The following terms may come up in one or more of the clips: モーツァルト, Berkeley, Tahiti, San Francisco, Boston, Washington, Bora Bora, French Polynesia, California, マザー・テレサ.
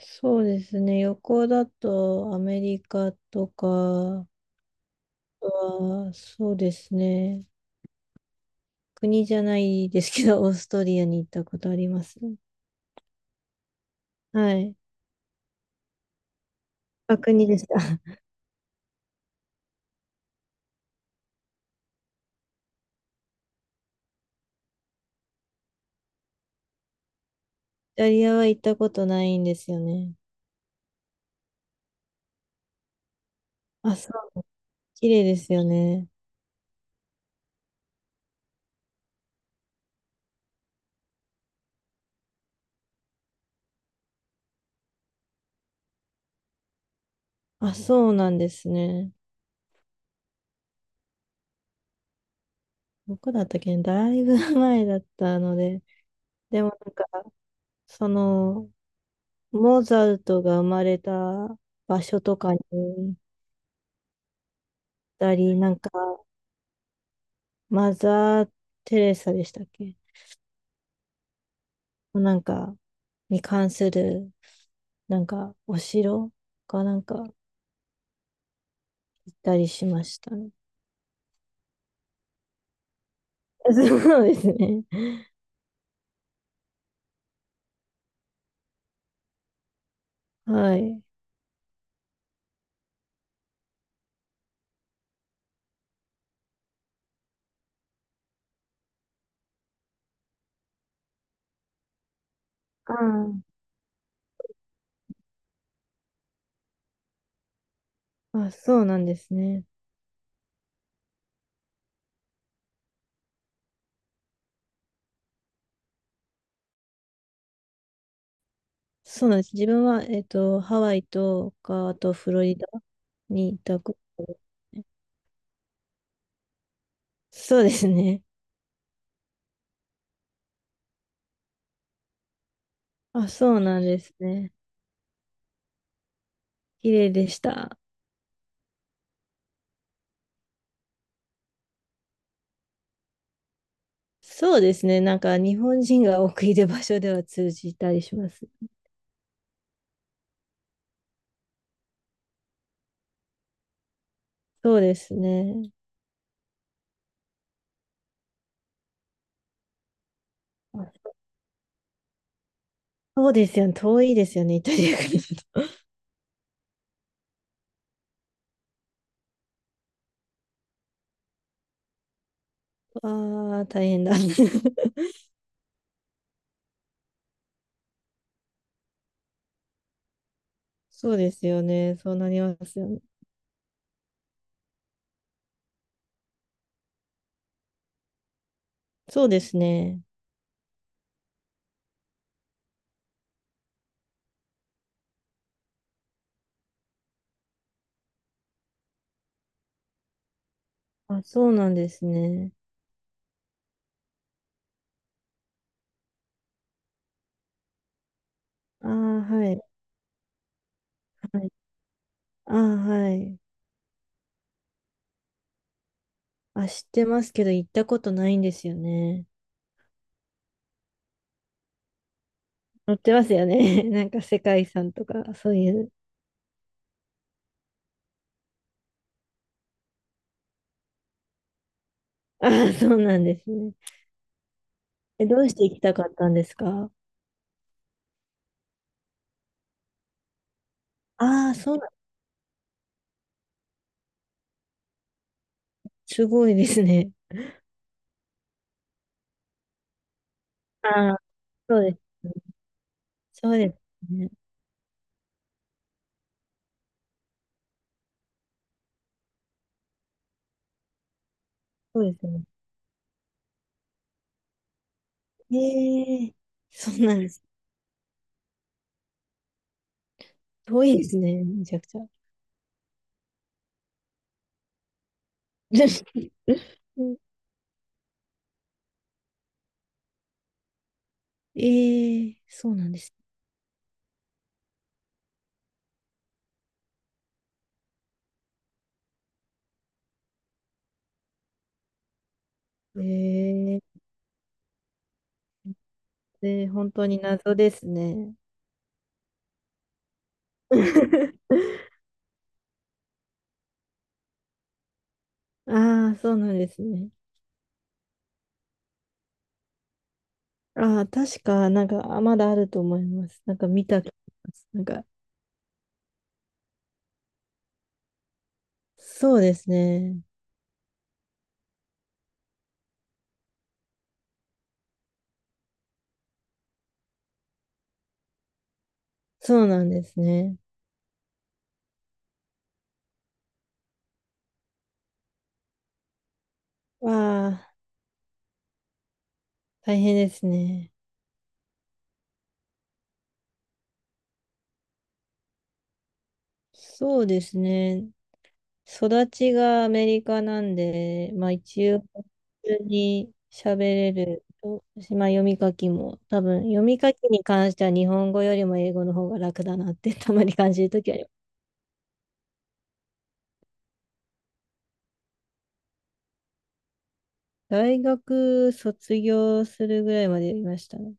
そうですね。旅行だとアメリカとかは、そうですね。国じゃないですけど、オーストリアに行ったことありますね。はい。あ、国でした。イタリアは行ったことないんですよね。あ、そう、綺麗ですよね。あ、そうなんですね。どこだったっけね、だいぶ 前だったので。でもその、モーツァルトが生まれた場所とかに行ったり、マザー・テレサでしたっけ？なんか、に関する、お城かなんか行ったりしましたね。そうですね。はい。ああ、あ、そうなんですね。そうなんです。自分は、ハワイとか、あとフロリダに行ったことですね。そうですね。あ、そうなんですね。綺麗でした。そうですね。なんか日本人が多くいる場所では通じたりします。そうですね。あ、そうですよね。遠いですよね。イタリアからだと。ああ、大変だ。そうですよね。そうなりますよね。そうですね。あ、そうなんですね。ああ、はい。はい。ああ、はい。あ、知ってますけど、行ったことないんですよね。載ってますよね。なんか世界遺産とか、そういう。ああ、そうなんですね。え、どうして行きたかったんですか？ああ、そうなん、すごいですね。ああ、そうです。そうですね。そうですね。ええ、そうなんです。遠いですね、めちゃくちゃ。うん、ええ、そうなんです。ええ、で、本当に謎ですね。ああ、そうなんですね。ああ、確か、なんか、あ、まだあると思います。なんか見た気がします。なんか、そうですね。そうなんですね。わあ、大変ですね。そうですね。育ちがアメリカなんで、まあ一応普通に喋れると、まあ読み書きも、多分読み書きに関しては日本語よりも英語の方が楽だなって たまに感じるときあります。大学卒業するぐらいまで読みましたね。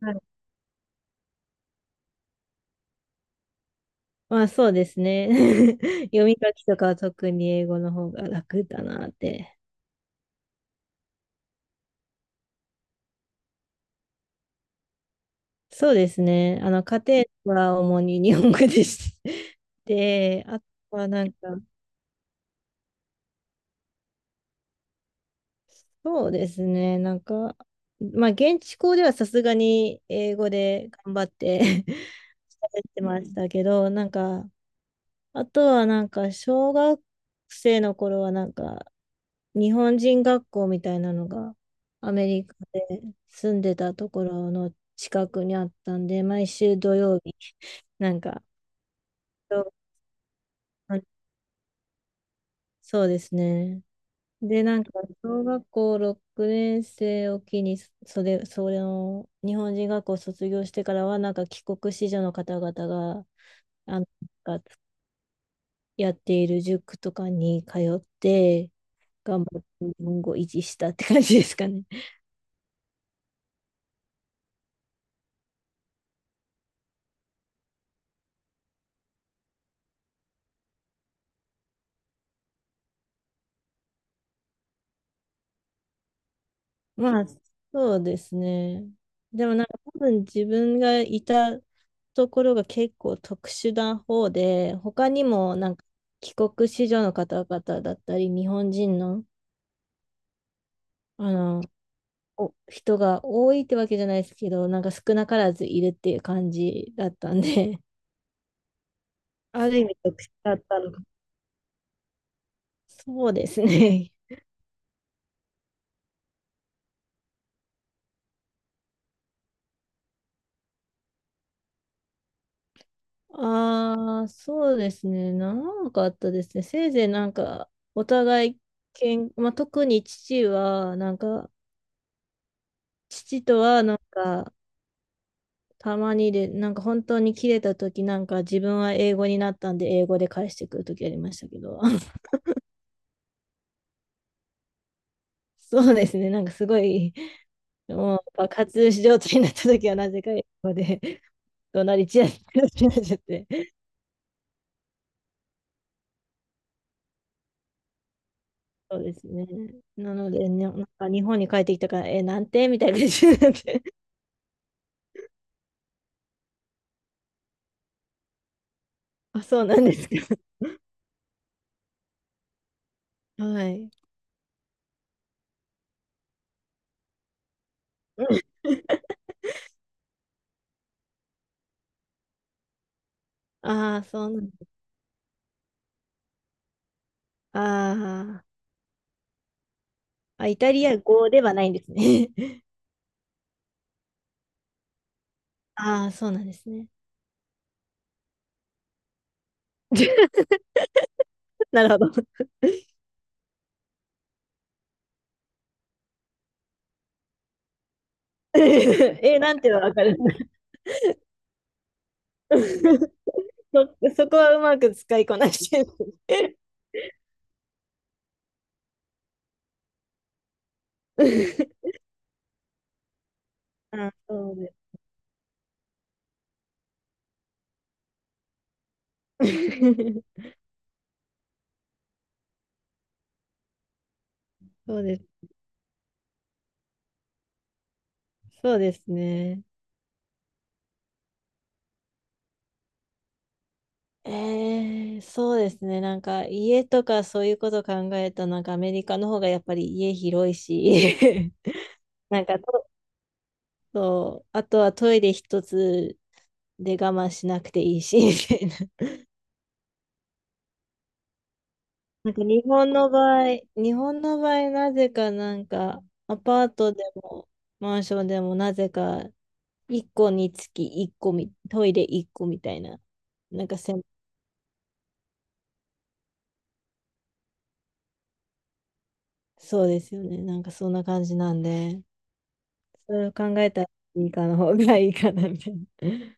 はい。まあそうですね。読み書きとかは特に英語の方が楽だなって。そうですね。あの、家庭は主に日本語でして、で、あとはそうですね。まあ、現地校ではさすがに英語で頑張って 喋ってましたけど、なんか、あとはなんか、小学生の頃はなんか、日本人学校みたいなのがアメリカで住んでたところの近くにあったんで、毎週土曜日、なんか、そうですね。で、なんか、小学校6年生を機に、それの、日本人学校を卒業してからは、なんか帰国子女の方々が、あの、がやっている塾とかに通って、頑張って日本語を維持したって感じですかね。まあ、そうですね。でもなんか多分自分がいたところが結構特殊な方で、他にもなんか帰国子女の方々だったり、日本人の、あの、お人が多いってわけじゃないですけど、なんか少なからずいるっていう感じだったんで、ある意味特殊だったのか。そうですね。ああ、そうですね。長かあったですね。せいぜいなんか、お互いけん、まあ、特に父は、父とはたまにで、なんか本当に切れた時なんか自分は英語になったんで英語で返してくる時ありましたけど、そうですね。なんかすごいもう爆発状態になった時はなぜか英語で 怒鳴り散らしっちゃって。そうですね。なので、ね、なんか日本に帰ってきたから、え、なんてみたいな感じになって。あ、そうなんですか？はい。ああ、そうなんです。あー、あ、イタリア語ではないんですね。ああ、そうなんですね。なるほど。え、なんてはわかる。そ、そこはうまく使いこなしてる。あ、そうです。そうです。そうですね。そうですね。なんか家とかそういうこと考えたらなんかアメリカの方がやっぱり家広いし、なんかと、そう、あとはトイレ一つで我慢しなくていいし、みたいな。なんか日本の場合、日本の場合なぜかなんかアパートでもマンションでもなぜか1個につき1個み、トイレ1個みたいな、なんかせん、そうですよね。なんかそんな感じなんで。それを考えたらいいかの方がいいかなみたいな。